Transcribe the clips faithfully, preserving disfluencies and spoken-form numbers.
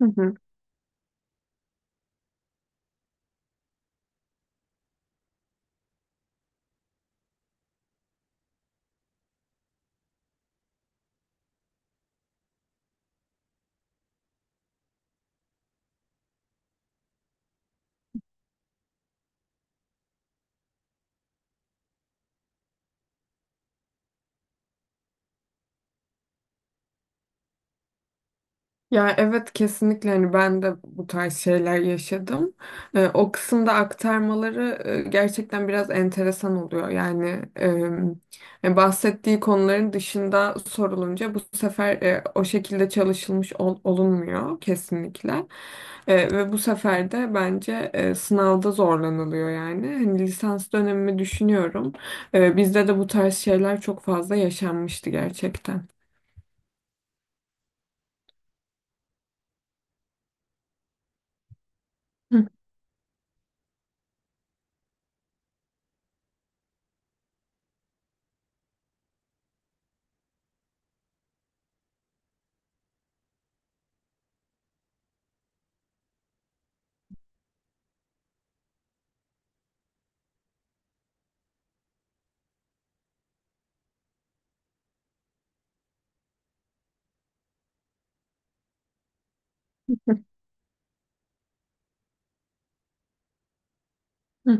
Hı hı. Ya evet, kesinlikle hani ben de bu tarz şeyler yaşadım. Ee, o kısımda aktarmaları, e, gerçekten biraz enteresan oluyor. Yani, e, bahsettiği konuların dışında sorulunca bu sefer, e, o şekilde çalışılmış ol- olunmuyor kesinlikle. E, ve bu sefer de bence, e, sınavda zorlanılıyor yani. Hani lisans dönemimi düşünüyorum. E, bizde de bu tarz şeyler çok fazla yaşanmıştı gerçekten. Hı hı,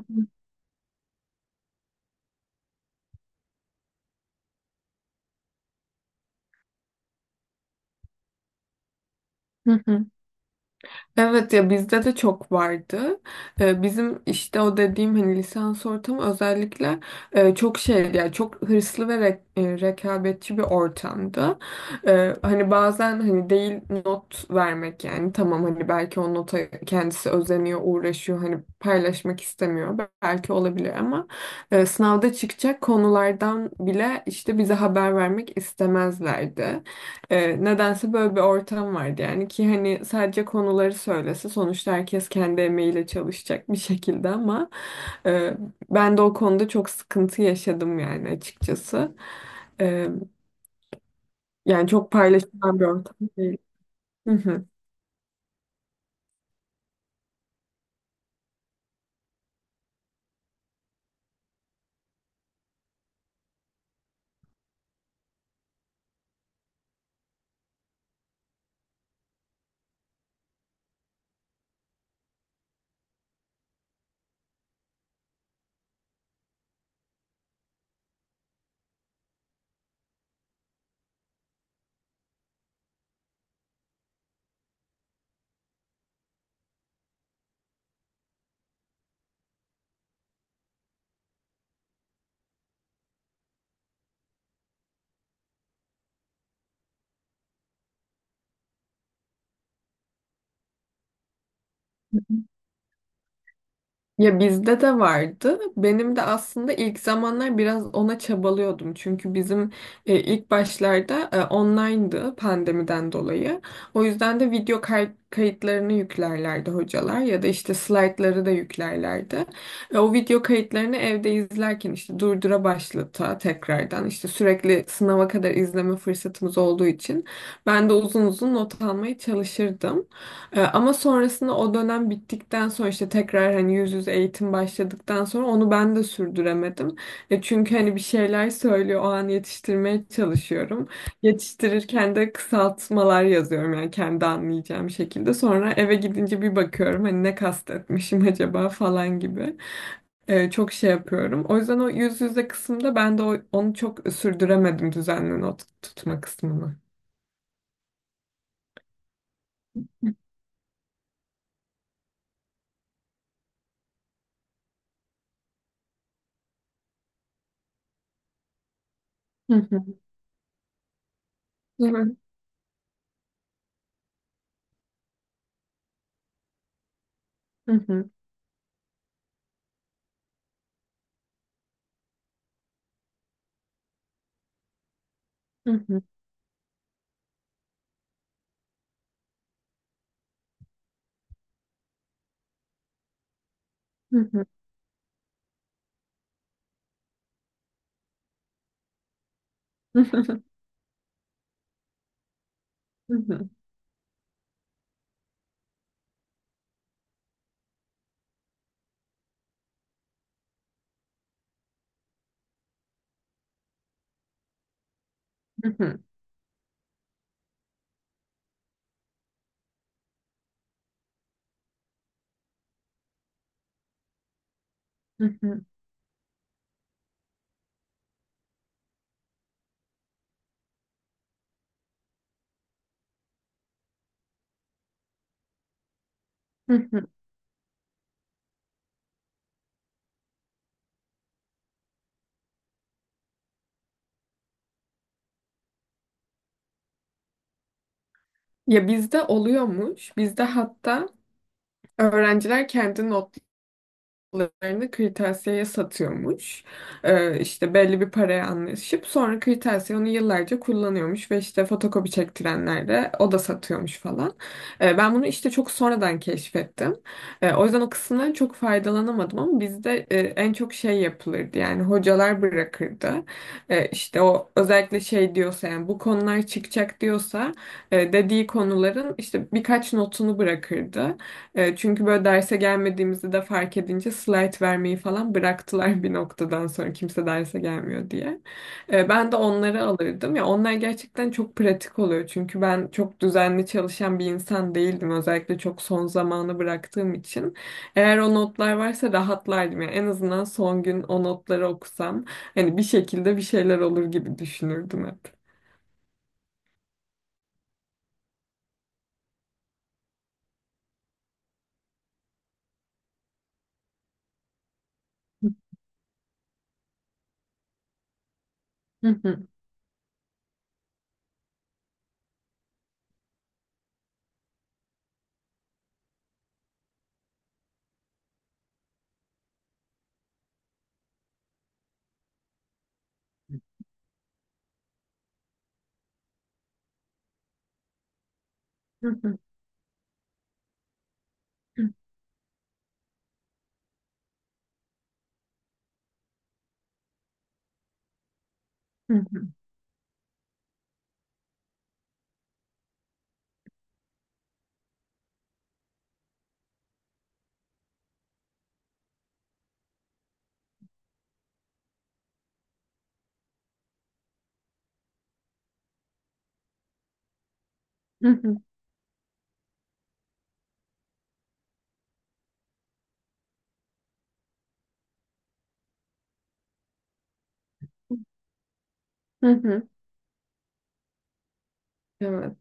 hı hı. Evet, ya bizde de çok vardı. Ee, bizim işte o dediğim hani lisans ortamı özellikle, e, çok şeydi yani çok hırslı ve re- e, rekabetçi bir ortamdı. Ee, hani bazen hani değil not vermek yani, tamam, hani belki o nota kendisi özeniyor, uğraşıyor, hani paylaşmak istemiyor belki, olabilir, ama, e, sınavda çıkacak konulardan bile işte bize haber vermek istemezlerdi. E, nedense böyle bir ortam vardı yani, ki hani sadece konuları söylese sonuçta herkes kendi emeğiyle çalışacak bir şekilde, ama, e, ben de o konuda çok sıkıntı yaşadım yani, açıkçası. E, yani çok paylaşılan bir ortam değil. Hı hı. Ya bizde de vardı. Benim de aslında ilk zamanlar biraz ona çabalıyordum. Çünkü bizim, e, ilk başlarda, e, online'dı pandemiden dolayı. O yüzden de video kay- kayıtlarını yüklerlerdi hocalar, ya da işte slaytları da yüklerlerdi. E, o video kayıtlarını evde izlerken işte durdura başlata, tekrardan işte sürekli sınava kadar izleme fırsatımız olduğu için ben de uzun uzun not almaya çalışırdım. Ee, Ama sonrasında o dönem bittikten sonra işte tekrar, hani yüz yüze eğitim başladıktan sonra onu ben de sürdüremedim. E çünkü hani bir şeyler söylüyor, o an yetiştirmeye çalışıyorum. Yetiştirirken de kısaltmalar yazıyorum yani, kendi anlayacağım şekilde. Sonra eve gidince bir bakıyorum, hani ne kastetmişim acaba falan gibi. Ee, çok şey yapıyorum. O yüzden o yüz yüze kısımda ben de o- onu çok sürdüremedim, düzenli not tutma kısmını. Hı hı. Hı hı. Hı hı. Hı hı. Hı hı. Hı hı. Hı hı, hı hı, hı hı. Ya bizde oluyormuş. Bizde hatta öğrenciler kendi not larını kırtasiyeye satıyormuş. Ee, işte belli bir paraya anlaşıp sonra kırtasiye onu yıllarca kullanıyormuş, ve işte fotokopi çektirenler de, o da satıyormuş falan. Ee, ben bunu işte çok sonradan keşfettim. Ee, o yüzden o kısımdan çok faydalanamadım, ama bizde, e, en çok şey yapılırdı yani, hocalar bırakırdı. Ee, işte o özellikle şey diyorsa yani, bu konular çıkacak diyorsa, e, dediği konuların işte birkaç notunu bırakırdı. E, çünkü böyle derse gelmediğimizi de fark edince slide vermeyi falan bıraktılar bir noktadan sonra, kimse derse gelmiyor diye. E, ben de onları alırdım. Ya onlar gerçekten çok pratik oluyor. Çünkü ben çok düzenli çalışan bir insan değildim. Özellikle çok son zamanı bıraktığım için. Eğer o notlar varsa rahatlardım. Yani en azından son gün o notları okusam hani, bir şekilde bir şeyler olur gibi düşünürdüm hep. Hı hı, hı hı, hı hı, hı hı, hı hı, hı hı. Evet.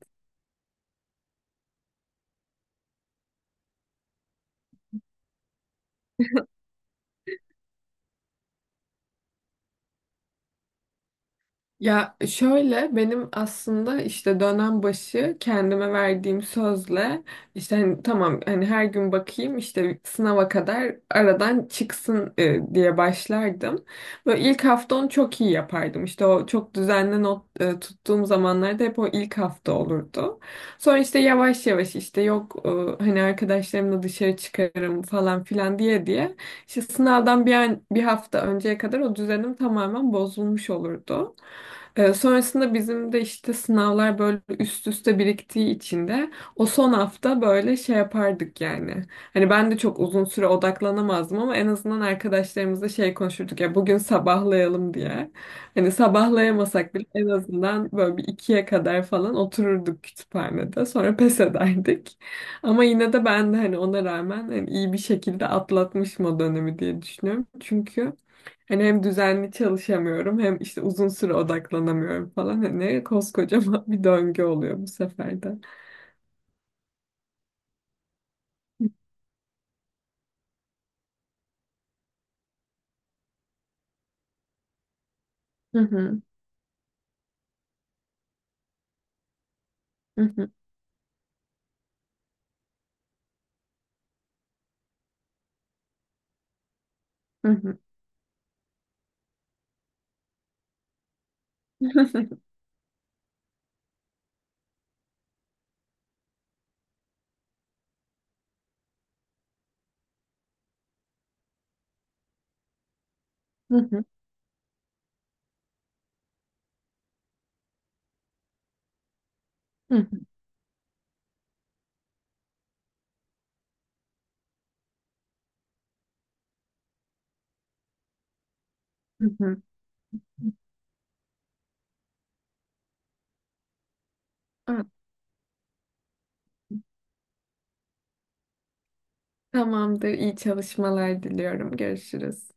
Ya şöyle, benim aslında işte dönem başı kendime verdiğim sözle işte, hani tamam, hani her gün bakayım işte, sınava kadar aradan çıksın, e, diye başlardım. Böyle ilk hafta onu çok iyi yapardım. İşte o çok düzenli not, e, tuttuğum zamanlarda hep o ilk hafta olurdu. Sonra işte yavaş yavaş işte, yok, e, hani arkadaşlarımla dışarı çıkarım falan filan diye diye işte sınavdan bir, an, bir hafta önceye kadar o düzenim tamamen bozulmuş olurdu. Ee, sonrasında bizim de işte sınavlar böyle üst üste biriktiği için de o son hafta böyle şey yapardık yani. Hani ben de çok uzun süre odaklanamazdım, ama en azından arkadaşlarımızla şey konuşurduk, ya bugün sabahlayalım diye. Hani sabahlayamasak bile en azından böyle bir ikiye kadar falan otururduk kütüphanede. Sonra pes ederdik. Ama yine de ben de hani ona rağmen hani iyi bir şekilde atlatmışım o dönemi diye düşünüyorum. Çünkü hani hem düzenli çalışamıyorum, hem işte uzun süre odaklanamıyorum falan. Hani koskocaman bir döngü oluyor bu sefer de. Hı hı, hı hı, hı hı. Hı hı, hı hı, hı hı. Evet, Tamamdır. İyi çalışmalar diliyorum. Görüşürüz.